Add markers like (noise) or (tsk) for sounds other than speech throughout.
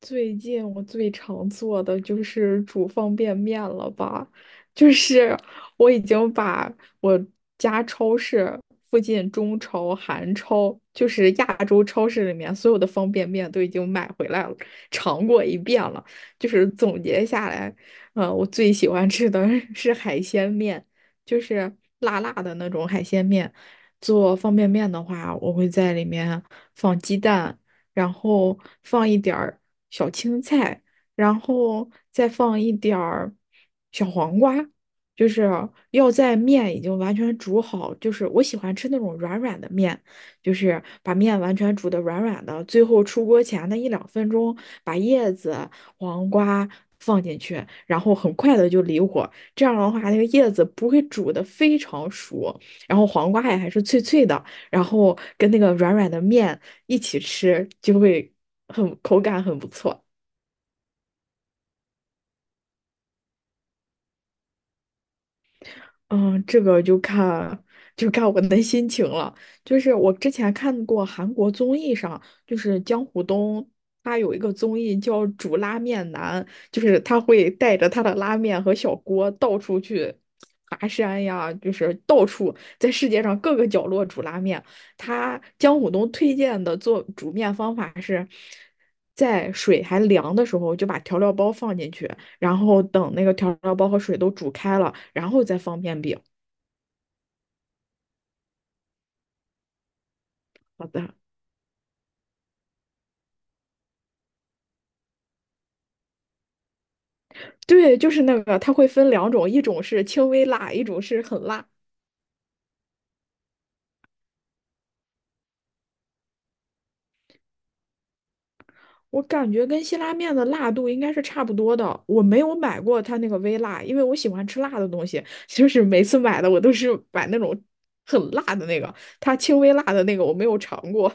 最近我最常做的就是煮方便面了吧，就是我已经把我家超市附近中超、韩超，就是亚洲超市里面所有的方便面都已经买回来了，尝过一遍了。就是总结下来，我最喜欢吃的 (laughs) 是海鲜面，就是辣辣的那种海鲜面。做方便面的话，我会在里面放鸡蛋。然后放一点儿小青菜，然后再放一点儿小黄瓜，就是要在面已经完全煮好，就是我喜欢吃那种软软的面，就是把面完全煮的软软的，最后出锅前的一两分钟把叶子、黄瓜。放进去，然后很快的就离火，这样的话，那个叶子不会煮的非常熟，然后黄瓜也还是脆脆的，然后跟那个软软的面一起吃，就会很口感很不错。嗯，这个就看我的心情了。就是我之前看过韩国综艺上，就是姜虎东他有一个综艺叫《煮拉面男》，就是他会带着他的拉面和小锅到处去爬山呀，就是到处在世界上各个角落煮拉面。他姜虎东推荐的做煮面方法是，在水还凉的时候就把调料包放进去，然后等那个调料包和水都煮开了，然后再放面饼。好的，对，就是那个，它会分两种，一种是轻微辣，一种是很辣。我感觉跟辛拉面的辣度应该是差不多的。我没有买过它那个微辣，因为我喜欢吃辣的东西，(laughs) 就是每次买的我都是买那种很辣的那个，它轻微辣的那个我没有尝过。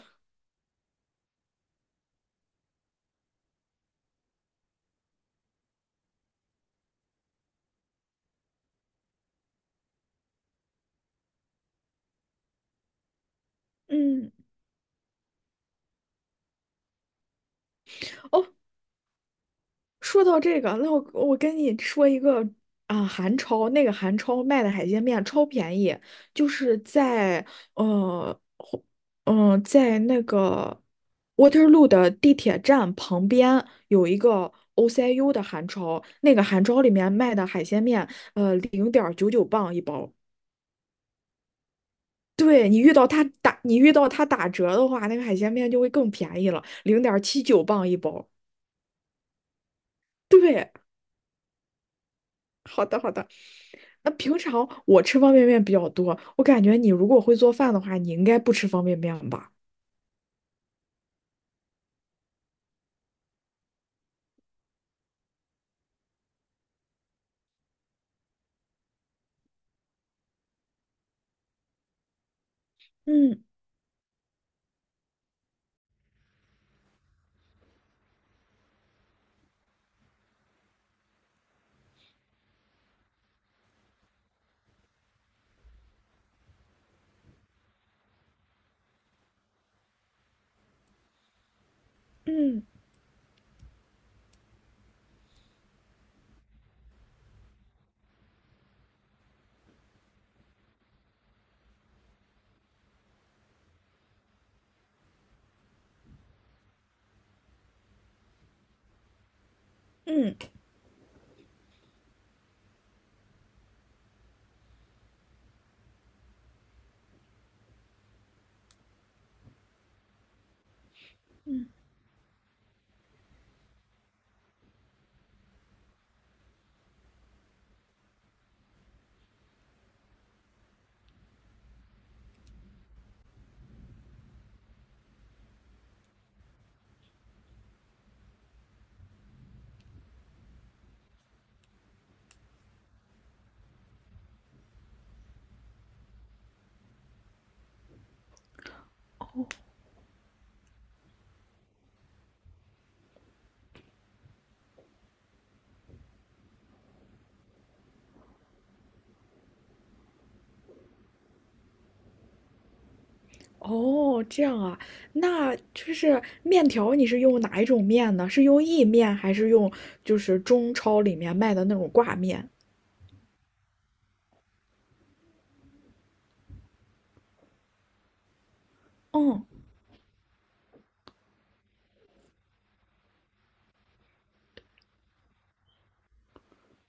嗯，哦，说到这个，那我跟你说一个韩超，那个韩超卖的海鲜面超便宜，就是在呃在那个 Waterloo 的地铁站旁边有一个 OCU 的韩超，那个韩超里面卖的海鲜面，0.99磅一包。对你遇到他打折的话，那个海鲜面就会更便宜了，0.79磅一包。对，好的，好的。那平常我吃方便面比较多，我感觉你如果会做饭的话，你应该不吃方便面吧？嗯嗯嗯嗯，哦，这样啊，那就是面条，你是用哪一种面呢？是用意面还是用就是中超里面卖的那种挂面？嗯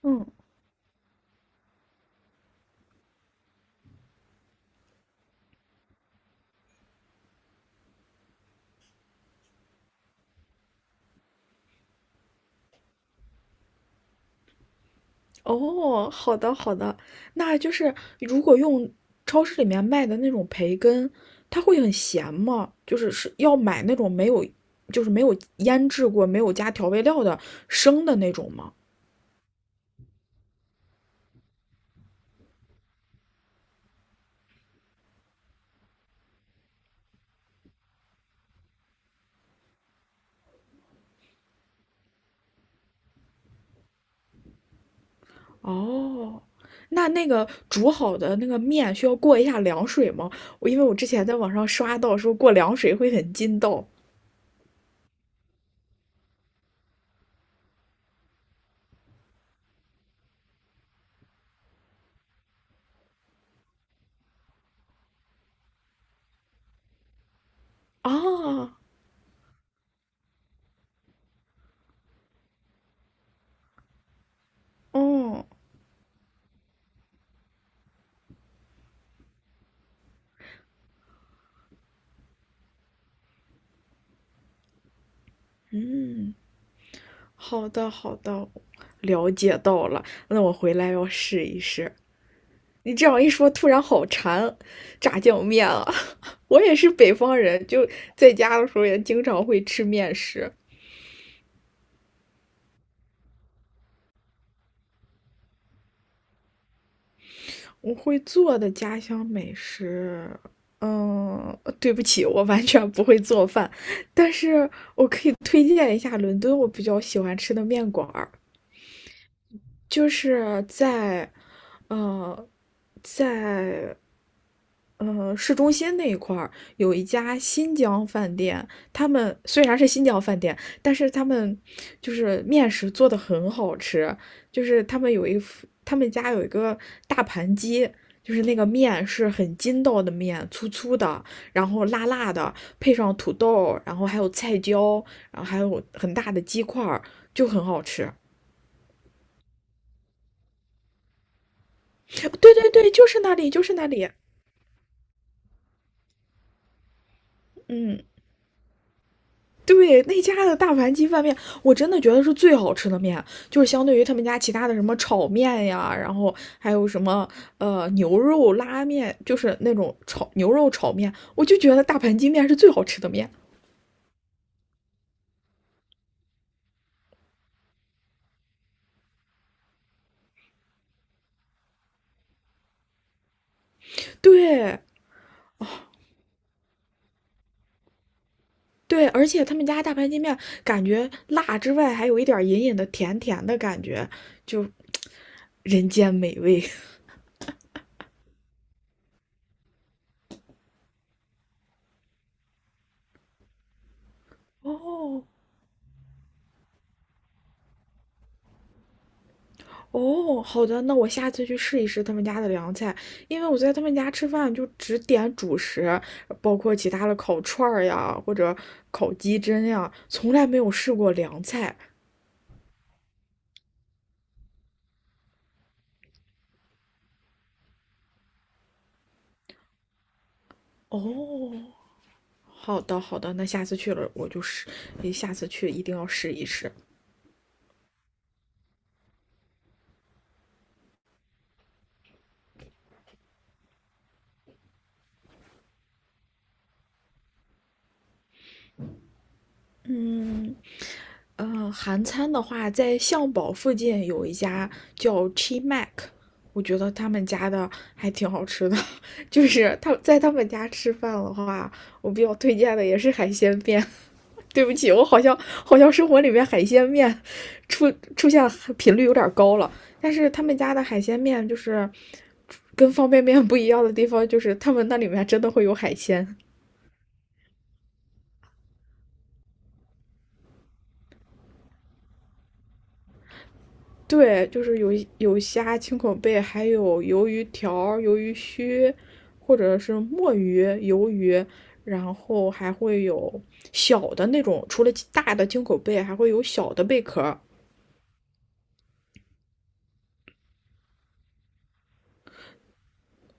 嗯哦，好的好的，那就是如果用超市里面卖的那种培根，它会很咸吗？就是是要买那种没有，就是没有腌制过、没有加调味料的生的那种吗？哦，那那个煮好的那个面需要过一下凉水吗？我因为我之前在网上刷到说过凉水会很筋道啊，哦，嗯，好的好的，了解到了，那我回来要试一试。你这样一说，突然好馋炸酱面啊！(laughs) 我也是北方人，就在家的时候也经常会吃面食。我会做的家乡美食，嗯，对不起，我完全不会做饭，但是推荐一下伦敦我比较喜欢吃的面馆儿，就是在，嗯。在市中心那一块儿有一家新疆饭店，他们虽然是新疆饭店，但是他们就是面食做的很好吃，就是他们有一副他们家有一个大盘鸡。就是那个面是很筋道的面，粗粗的，然后辣辣的，配上土豆，然后还有菜椒，然后还有很大的鸡块儿，就很好吃。对对对，就是那里，就是那里。嗯，对那家的大盘鸡饭面，我真的觉得是最好吃的面，就是相对于他们家其他的什么炒面呀，然后还有什么牛肉拉面，就是那种炒牛肉炒面，我就觉得大盘鸡面是最好吃的面。对对，而且他们家大盘鸡面感觉辣之外，还有一点隐隐的甜甜的感觉，就 (tsk) 人间美味。(laughs) 哦，哦，好的，那我下次去试一试他们家的凉菜，因为我在他们家吃饭就只点主食，包括其他的烤串儿呀，或者烤鸡胗呀，从来没有试过凉菜。哦，好的，好的，那下次去了我就试，下次去一定要试一试。嗯，韩餐的话，在象堡附近有一家叫 Chi Mac，我觉得他们家的还挺好吃的。(laughs) 就是他在他们家吃饭的话，我比较推荐的也是海鲜面。(laughs) 对不起，我好像生活里面海鲜面出现频率有点高了，但是他们家的海鲜面就是跟方便面不一样的地方，就是他们那里面真的会有海鲜。对，就是有虾、青口贝，还有鱿鱼条、鱿鱼须，或者是墨鱼、鱿鱼，然后还会有小的那种，除了大的青口贝，还会有小的贝壳。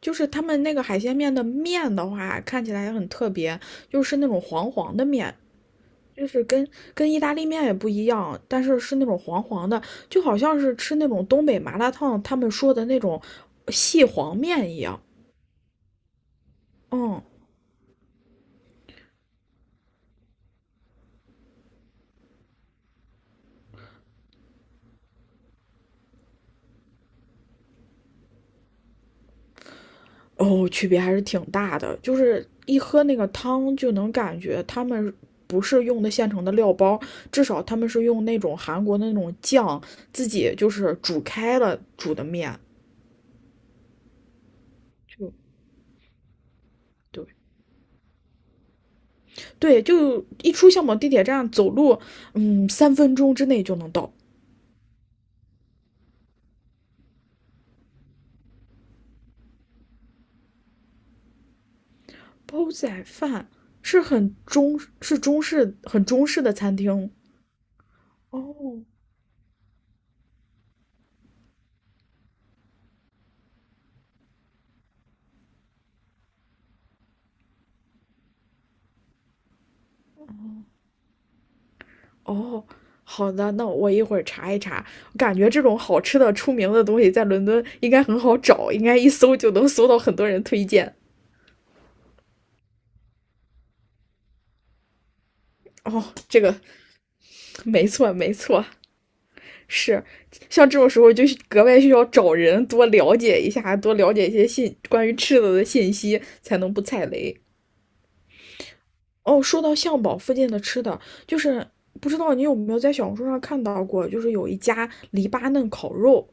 就是他们那个海鲜面的面的话，看起来也很特别，就是那种黄黄的面，就是跟意大利面也不一样，但是是那种黄黄的，就好像是吃那种东北麻辣烫他们说的那种细黄面一样。嗯。哦，区别还是挺大的，就是一喝那个汤就能感觉他们不是用的现成的料包，至少他们是用那种韩国的那种酱自己就是煮开了煮的面，就对对，就一出相宝地铁站走路，嗯，3分钟之内就能到。煲仔饭是很中是中式的餐厅哦，哦，好的，那我一会儿查一查。我感觉这种好吃的、出名的东西在伦敦应该很好找，应该一搜就能搜到很多人推荐。哦，这个没错，没错，是像这种时候就格外需要找人多了解一下，多了解一些信关于吃的的信息，才能不踩雷。哦，说到象堡附近的吃的，就是不知道你有没有在小红书上看到过，就是有一家黎巴嫩烤肉，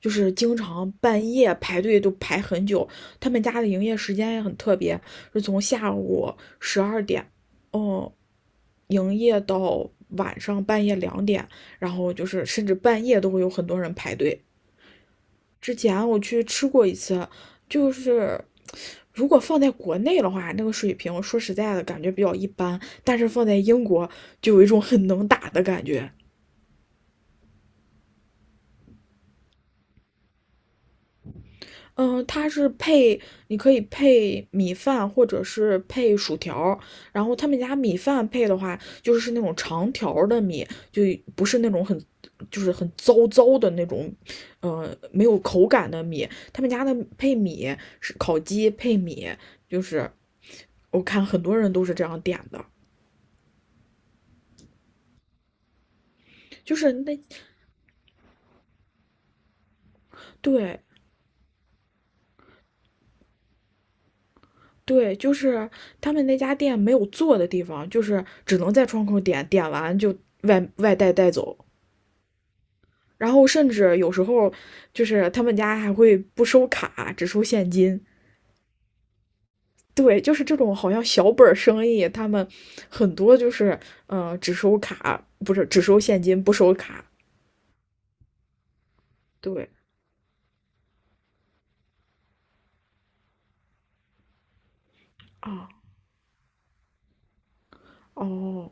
就是经常半夜排队都排很久。他们家的营业时间也很特别，是从下午12点，嗯营业到晚上半夜2点，然后就是甚至半夜都会有很多人排队。之前我去吃过一次，就是如果放在国内的话，那个水平说实在的感觉比较一般，但是放在英国就有一种很能打的感觉。嗯，它是配，你可以配米饭或者是配薯条儿然后他们家米饭配的话，就是那种长条儿的米，就不是那种很，就是很糟糟的那种，没有口感的米。他们家的配米是烤鸡配米，就是我看很多人都是这样点的，就是那对。对，就是他们那家店没有做的地方，就是只能在窗口点，点完就外带带走。然后甚至有时候就是他们家还会不收卡，只收现金。对，就是这种好像小本生意，他们很多就是只收卡，不是只收现金不收卡。对啊，哦，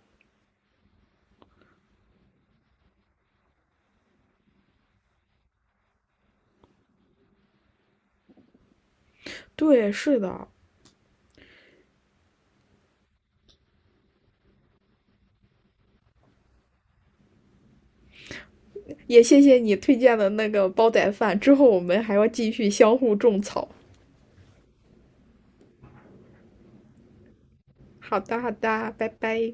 对，是的，也谢谢你推荐的那个煲仔饭，之后我们还要继续相互种草。好的，好的，拜拜。